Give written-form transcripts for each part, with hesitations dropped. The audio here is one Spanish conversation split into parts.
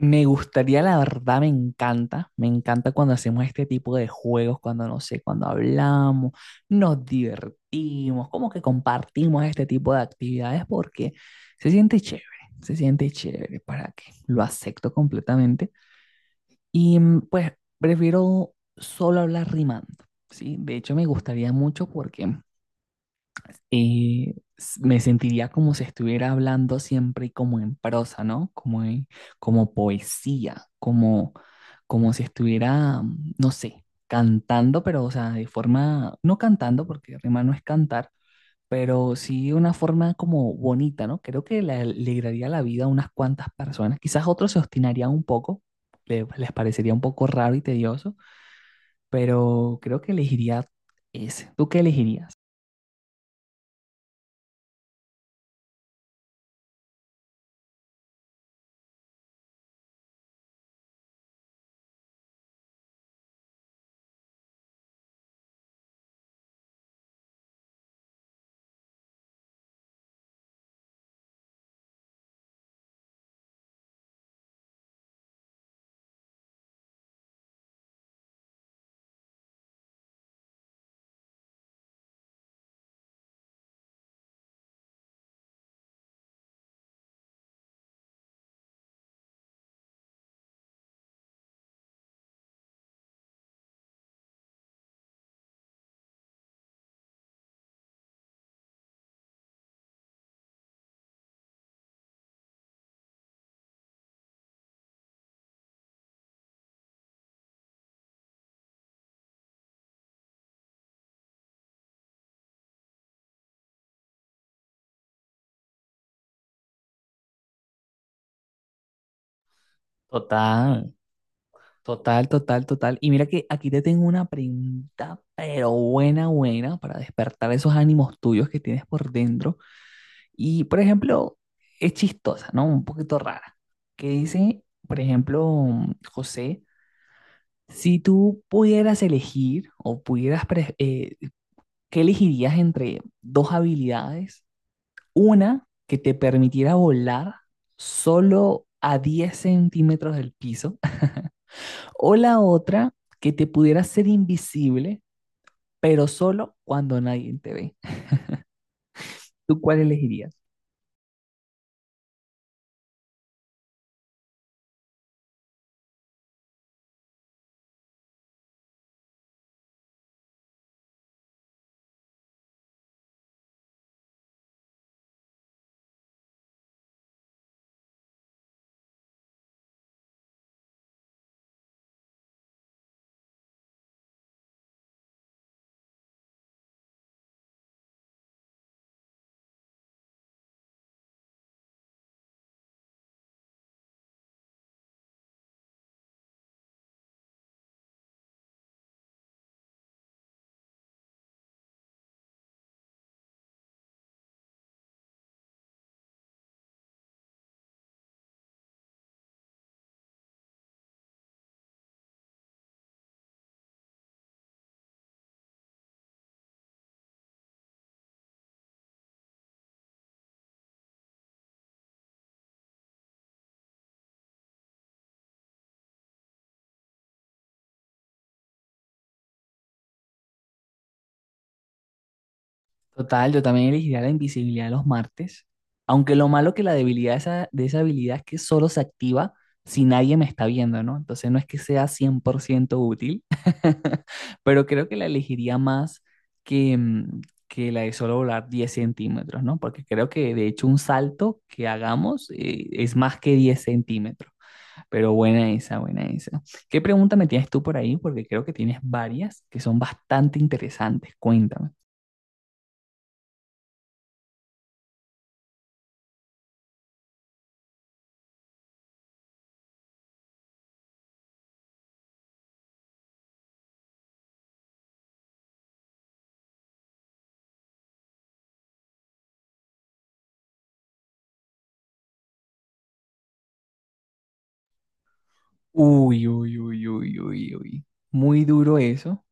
Me gustaría, la verdad, me encanta cuando hacemos este tipo de juegos, cuando no sé, cuando hablamos, nos divertimos, como que compartimos este tipo de actividades porque se siente chévere, se siente chévere, ¿para que? Lo acepto completamente y pues prefiero solo hablar rimando, ¿sí? De hecho, me gustaría mucho porque me sentiría como si estuviera hablando siempre como en prosa, ¿no? Como poesía, como, como si estuviera, no sé, cantando, pero o sea, de forma, no cantando, porque rima no es cantar, pero sí una forma como bonita, ¿no? Creo que le alegraría la vida a unas cuantas personas. Quizás otros se obstinarían un poco, les parecería un poco raro y tedioso, pero creo que elegiría ese. ¿Tú qué elegirías? Total. Total, total, total. Y mira que aquí te tengo una pregunta, pero buena, buena, para despertar esos ánimos tuyos que tienes por dentro. Y, por ejemplo, es chistosa, ¿no? Un poquito rara. Que dice, por ejemplo, José, si tú pudieras elegir o pudieras, ¿qué elegirías entre dos habilidades? Una que te permitiera volar solo a 10 cm del piso. O la otra, que te pudieras ser invisible, pero solo cuando nadie te ve. ¿Tú cuál elegirías? Total, yo también elegiría la invisibilidad de los martes, aunque lo malo que la debilidad de esa habilidad es que solo se activa si nadie me está viendo, ¿no? Entonces no es que sea 100% útil, pero creo que la elegiría más que, mm, que la de solo volar 10 cm, ¿no? Porque creo que de hecho un salto que hagamos, es más que 10 cm. Pero buena esa, buena esa. ¿Qué pregunta me tienes tú por ahí? Porque creo que tienes varias que son bastante interesantes. Cuéntame. Uy, uy, uy, uy, uy, uy. Muy duro eso.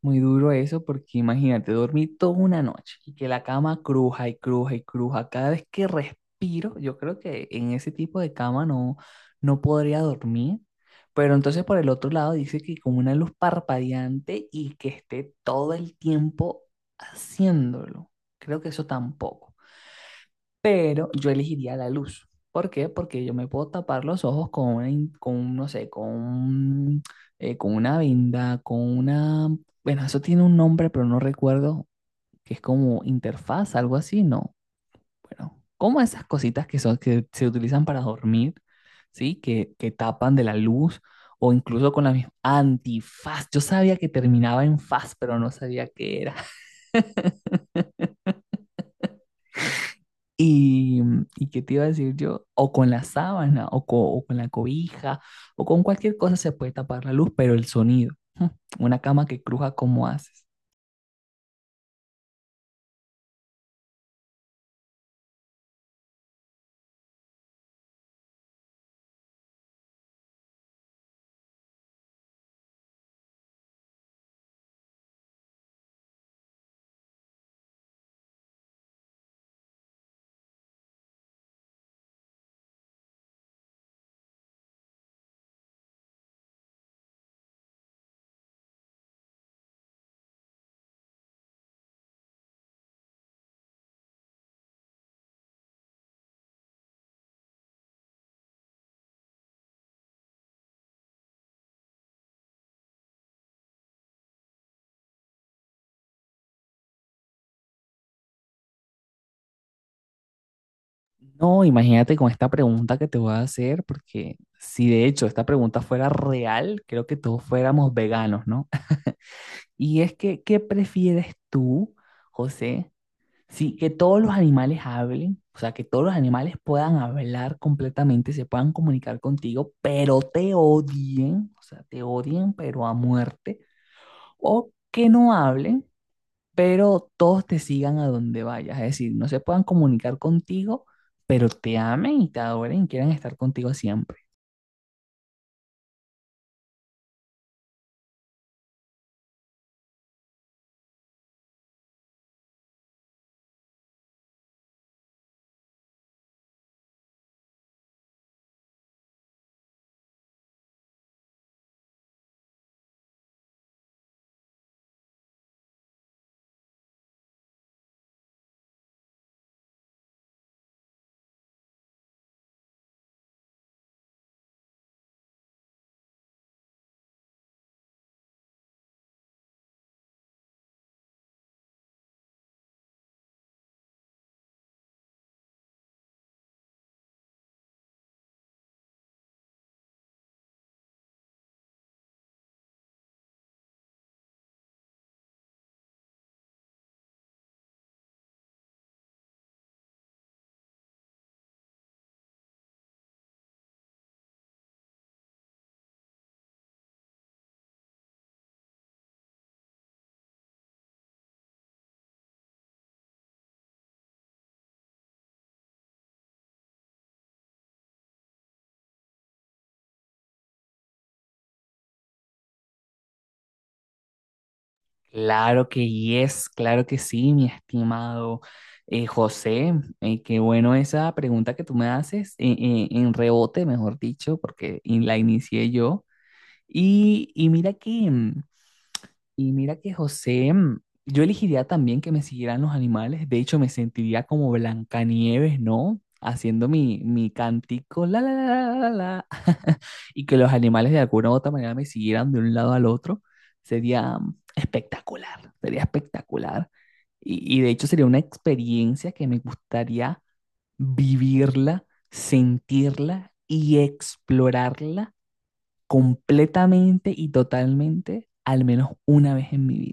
Muy duro eso, porque imagínate, dormí toda una noche y que la cama cruja y cruja y cruja. Cada vez que respiro, yo creo que en ese tipo de cama no, no podría dormir. Pero entonces por el otro lado dice que con una luz parpadeante y que esté todo el tiempo haciéndolo. Creo que eso tampoco, pero yo elegiría la luz. ¿Por qué? Porque yo me puedo tapar los ojos con una, con, un, no sé, con, un, con una venda, con una, bueno, eso tiene un nombre, pero no recuerdo, que es como interfaz, algo así, ¿no? Bueno, como esas cositas que son, que se utilizan para dormir, ¿sí? Que tapan de la luz, o incluso con la misma antifaz. Yo sabía que terminaba en faz, pero no sabía qué era. Y, ¿y qué te iba a decir yo? O con la sábana, o, o con la cobija, o con cualquier cosa se puede tapar la luz, pero el sonido. Una cama que cruja, ¿cómo haces? No, imagínate con esta pregunta que te voy a hacer, porque si de hecho esta pregunta fuera real, creo que todos fuéramos veganos, ¿no? Y es que, ¿qué prefieres tú, José? Sí, que todos los animales hablen, o sea, que todos los animales puedan hablar completamente, se puedan comunicar contigo, pero te odien, o sea, te odien, pero a muerte, o que no hablen, pero todos te sigan a donde vayas, es decir, no se puedan comunicar contigo, pero te amen y te adoren y quieran estar contigo siempre. Claro que yes, claro que sí, mi estimado José. Qué bueno esa pregunta que tú me haces, en rebote, mejor dicho, porque la inicié yo. Y mira que José, yo elegiría también que me siguieran los animales. De hecho, me sentiría como Blancanieves, ¿no? Haciendo mi cantico, la, y que los animales de alguna u otra manera me siguieran de un lado al otro. Sería espectacular, sería espectacular. Y de hecho sería una experiencia que me gustaría vivirla, sentirla y explorarla completamente y totalmente, al menos una vez en mi vida.